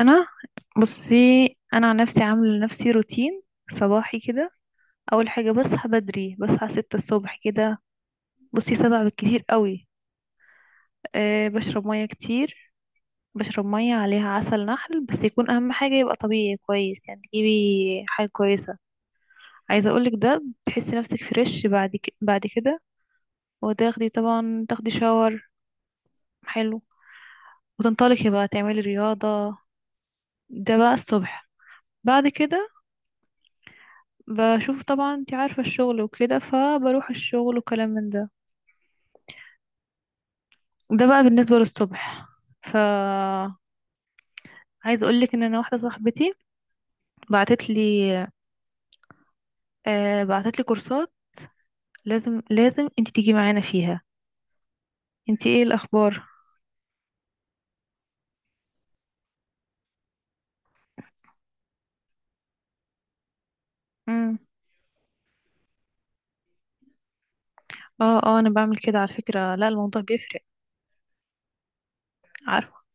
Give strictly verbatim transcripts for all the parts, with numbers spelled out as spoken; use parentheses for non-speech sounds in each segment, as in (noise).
انا بصي، انا عن نفسي عامله لنفسي روتين صباحي كده. اول حاجه، بصحى بدري، بصحى ستة الصبح كده، بصي سبعة بالكتير قوي. أه بشرب ميه كتير، بشرب ميه عليها عسل نحل، بس يكون اهم حاجه يبقى طبيعي كويس، يعني تجيبي حاجه كويسه. عايزه اقولك ده، بتحسي نفسك فريش بعد ك... بعد كده. وتاخدي طبعا، تاخدي شاور، حلو، وتنطلقي بقى تعملي رياضه. ده بقى الصبح. بعد كده بشوف طبعا، انت عارفة الشغل وكده، فبروح الشغل وكلام من ده. ده بقى بالنسبة للصبح. ف عايز اقولك ان انا واحدة صاحبتي بعتت لي، آه بعتت لي كورسات، لازم لازم انت تيجي معانا فيها. انت ايه الاخبار؟ امم اه اه، انا بعمل كده على فكرة، لا الموضوع بيفرق. عارفة.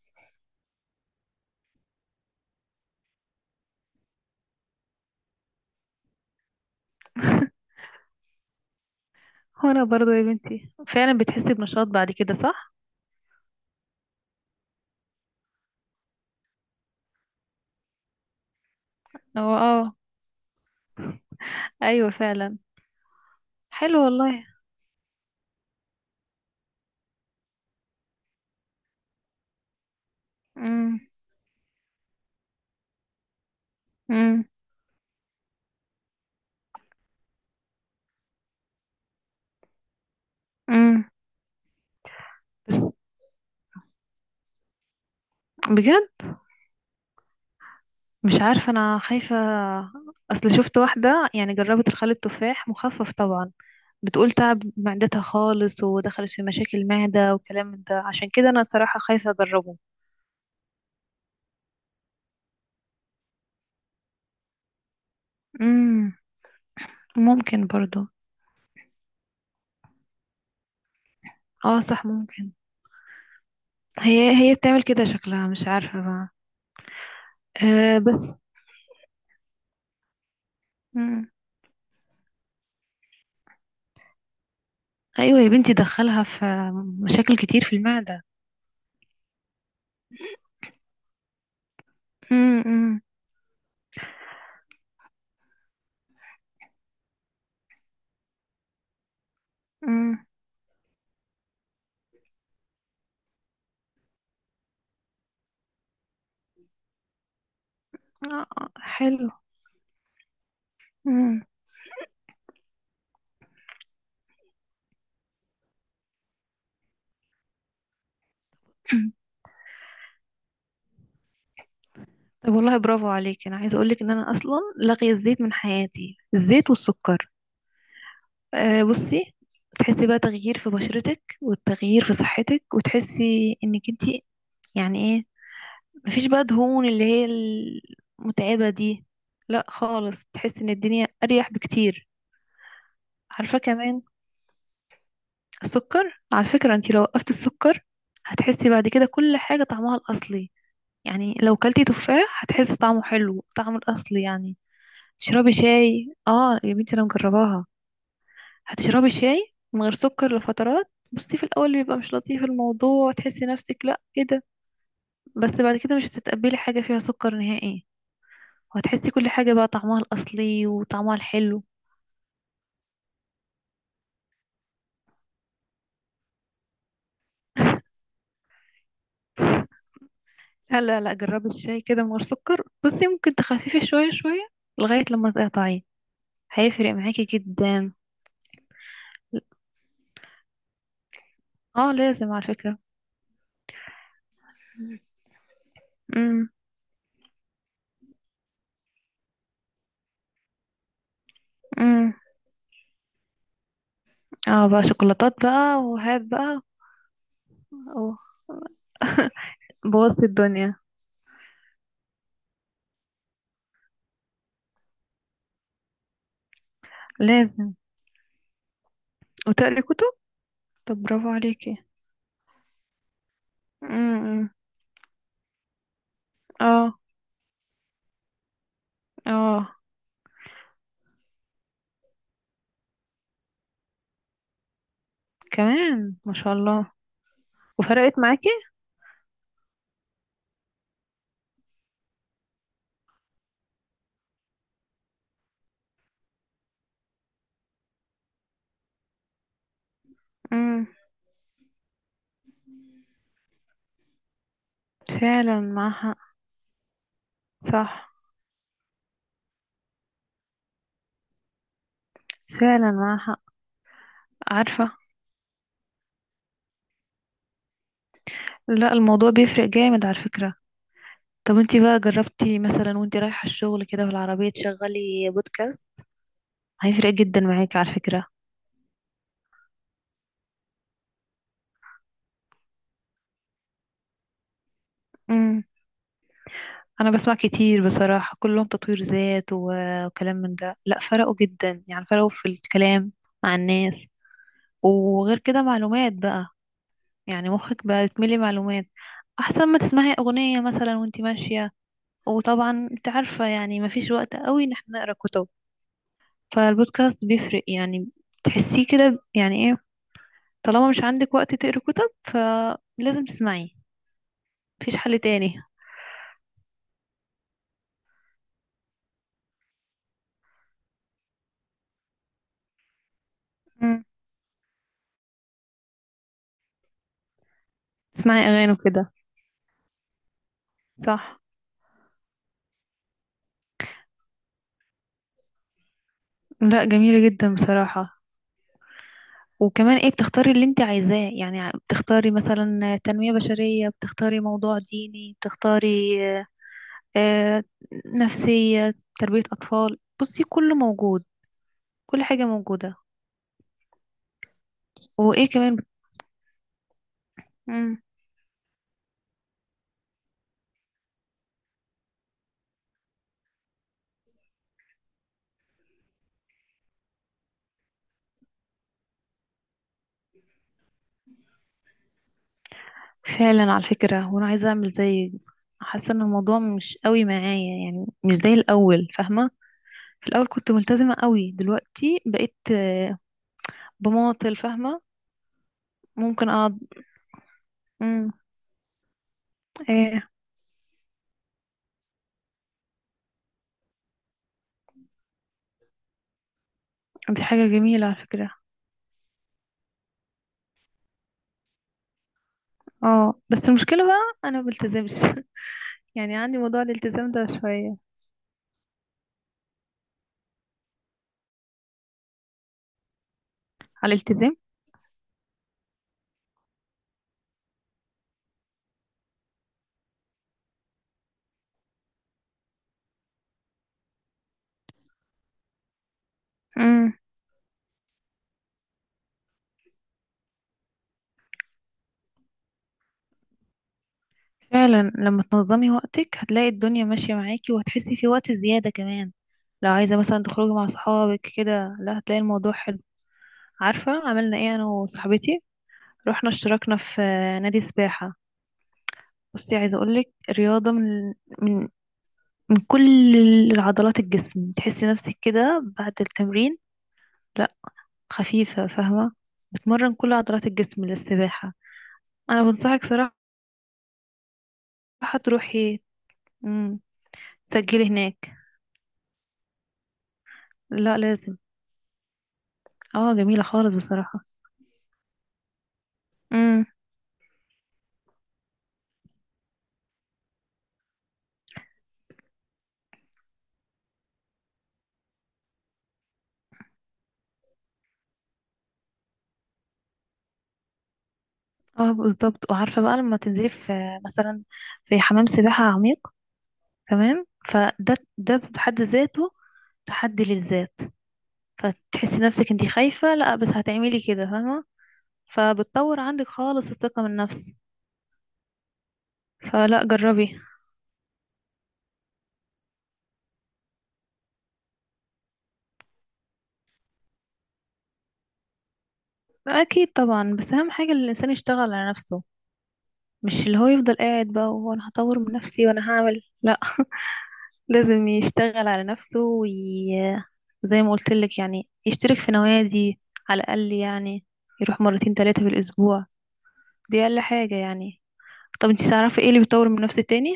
(laughs) وانا برضه يا بنتي فعلا بتحسي بنشاط بعد كده، صح. اه اه، ايوه فعلا. حلو والله. امم امم امم بس، بجد مش عارفة، أنا خايفة. أصل شفت واحدة، يعني جربت الخل التفاح مخفف طبعا، بتقول تعب معدتها خالص، ودخلت في مشاكل معدة وكلام من ده، عشان كده أنا صراحة خايفة أجربه. امم، ممكن برضو. اه صح، ممكن. هي هي بتعمل كده، شكلها مش عارفة بقى. أه بس. مم. أيوة يا بنتي، دخلها في مشاكل كتير في المعدة. امم امم. آه، حلو. مم. طب والله برافو عليك، انا عايزه اقولك ان انا اصلا لاغيه الزيت من حياتي، الزيت والسكر. آه بصي، تحسي بقى تغيير في بشرتك، والتغيير في صحتك، وتحسي انك انتي يعني ايه، مفيش بقى دهون اللي هي المتعبه دي، لا خالص، تحسي ان الدنيا اريح بكتير. عارفه كمان، السكر على فكره، انتي لو وقفتي السكر هتحسي بعد كده كل حاجه طعمها الاصلي. يعني لو كلتي تفاح هتحسي طعمه حلو، طعمه الاصلي يعني. تشربي شاي، اه يا بنتي انا مجرباها، هتشربي شاي من غير سكر لفترات. بصي في الاول بيبقى مش لطيف الموضوع، تحسي نفسك، لا ايه ده، بس بعد كده مش هتتقبلي حاجه فيها سكر نهائي، وهتحسي كل حاجه بقى طعمها الاصلي وطعمها الحلو. لا لا لا، جربي الشاي كده من غير سكر، بصي ممكن تخففي شويه شويه لغايه لما تقطعيه، هيفرق معاكي جدا. اه لازم على فكره. امم امم، اه بقى شوكولاتات بقى وهات بقى. أوه. بوظت الدنيا. لازم. وتقري كتب، طب برافو عليكي. امم امم. اه اه. كمان، ما شاء الله. وفرقت معاكي. امم. فعلا معاها حق. صح. فعلا معاها حق. عارفة. لا الموضوع بيفرق جامد على فكرة. طب انتي بقى جربتي مثلا، وانتي رايحة الشغل كده في العربية، تشغلي بودكاست؟ هيفرق جدا معاكي على فكرة. امم. انا بسمع كتير بصراحة، كلهم تطوير ذات و- وكلام من ده، لا فرقوا جدا، يعني فرقوا في الكلام مع الناس، وغير كده معلومات بقى، يعني مخك بقى يتملي معلومات، احسن ما تسمعي اغنية مثلا وانتي ماشية. وطبعا انت عارفة، يعني مفيش وقت قوي ان احنا نقرا كتب، فالبودكاست بيفرق يعني، تحسيه كده يعني ايه، طالما مش عندك وقت تقري كتب فلازم تسمعيه، مفيش حل تاني. مم. تسمعي اغاني وكده، صح. لا جميلة جدا بصراحة. وكمان ايه، بتختاري اللي انت عايزاه، يعني بتختاري مثلا تنمية بشرية، بتختاري موضوع ديني، بتختاري آه، نفسية، تربية أطفال. بصي كله موجود، كل حاجة موجودة. وإيه كمان. مم. فعلا على فكرة. وأنا عايزة أعمل زي، حاسة إن الموضوع مش قوي معايا، يعني مش زي الأول فاهمة، في الأول كنت ملتزمة قوي، دلوقتي بقيت آه، بماطل فاهمة، ممكن أقعد. مم. إيه؟ دي حاجة جميلة على فكرة. اه بس المشكلة بقى أنا مبلتزمش. (laughs) يعني عندي موضوع الالتزام ده شوية. على الالتزام. فعلا لما تنظمي وقتك هتلاقي الدنيا ماشية معاكي، وهتحسي في وقت زيادة كمان. لو عايزة مثلا تخرجي مع صحابك كده، لا هتلاقي الموضوع حلو. عارفة عملنا ايه انا وصاحبتي؟ رحنا اشتركنا في نادي سباحة. بصي عايزة اقولك، رياضة من من من كل العضلات الجسم، تحسي نفسك كده بعد التمرين، لا خفيفة فاهمة. بتمرن كل عضلات الجسم للسباحة. انا بنصحك صراحة، تروحي، مم، تسجلي هناك. لا لازم. اه جميلة خالص بصراحة. امم. اه بالظبط، وعارفة بقى لما تنزلي في مثلا في حمام سباحة عميق، تمام، فده ده بحد ذاته تحدي للذات، فتحسي نفسك انتي خايفة، لا بس هتعملي كده فاهمة، فبتطور عندك خالص الثقة من النفس، فلا جربي. اكيد طبعا، بس اهم حاجة ان الانسان يشتغل على نفسه، مش اللي هو يفضل قاعد بقى وانا هطور من نفسي وانا هعمل، لا لازم يشتغل على نفسه وي... زي ما قلت لك، يعني يشترك في نوادي، على الأقل يعني، يروح مرتين ثلاثة في الأسبوع، دي أقل حاجة يعني. طب انتي تعرفي ايه اللي بيطور من نفس التاني؟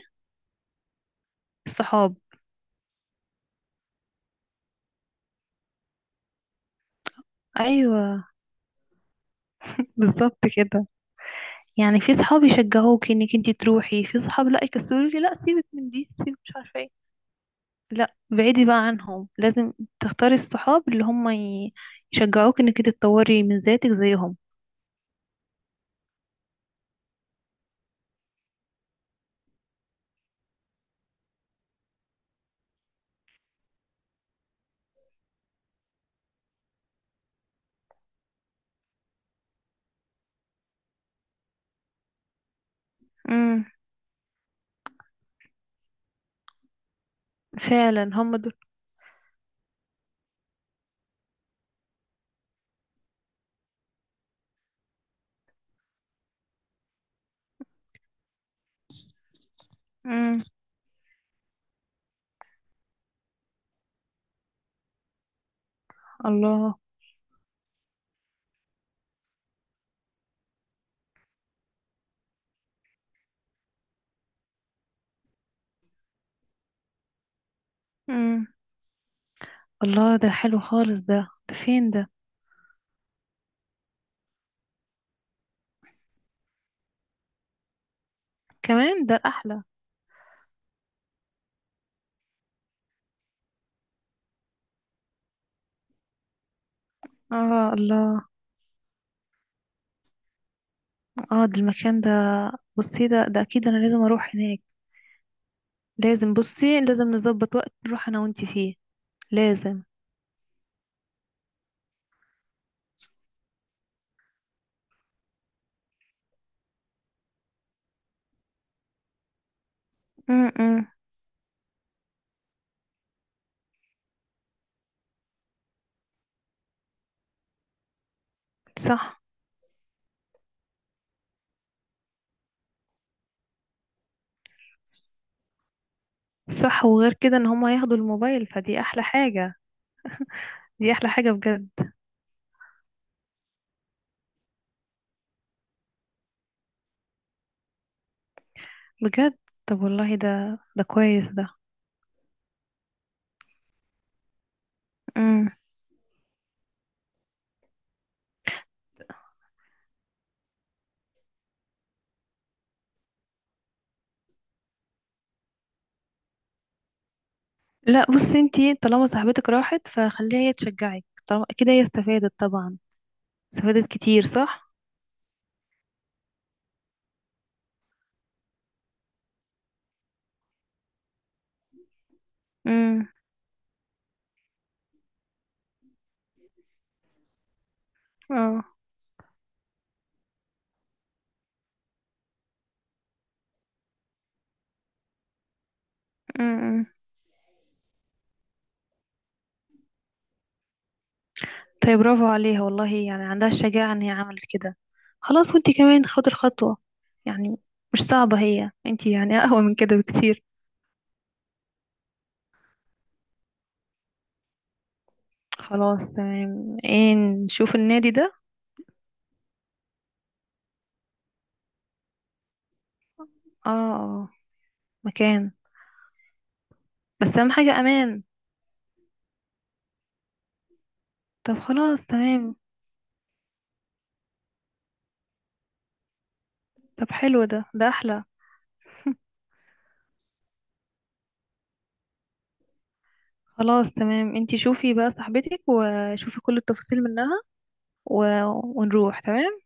الصحاب. ايوه بالظبط كده، يعني في صحاب يشجعوك انك انتي تروحي، في صحاب لا يكسلوكي، لا سيبك من دي، سيبك مش عارفه ايه، لا بعيدي بقى عنهم، لازم تختاري الصحاب اللي هم ي- يشجعوك انك انتي تطوري من ذاتك زيهم. امم. فعلا هم دول. امم. الله. امم. الله ده حلو خالص ده، ده فين ده؟ كمان ده احلى. اه الله. اه ده المكان ده، بصي ده ده اكيد انا لازم اروح هناك، لازم، بصي لازم نظبط وقت نروح انا وانتي فيه، لازم. امم. صح. صح وغير كده ان هما ياخدوا الموبايل فدي احلى حاجة، دي احلى حاجة بجد. بجد. طب والله ده ده كويس ده. امم. لا بصي انتي طالما صاحبتك راحت فخليها هي تشجعك، طالما كده هي استفادت طبعا، استفادت كتير صح. امم. اه. أمم. طيب برافو عليها والله، يعني عندها الشجاعة ان هي عملت كده، خلاص وانتي كمان خدي الخطوة، يعني مش صعبة، هي انتي يعني اقوى من كده بكتير. خلاص تمام، ايه نشوف النادي ده. اه آه، مكان، بس اهم حاجة امان. طب خلاص تمام. طب حلو ده ده احلى. خلاص تمام، انتي شوفي بقى صاحبتك وشوفي كل التفاصيل منها و... ونروح تمام.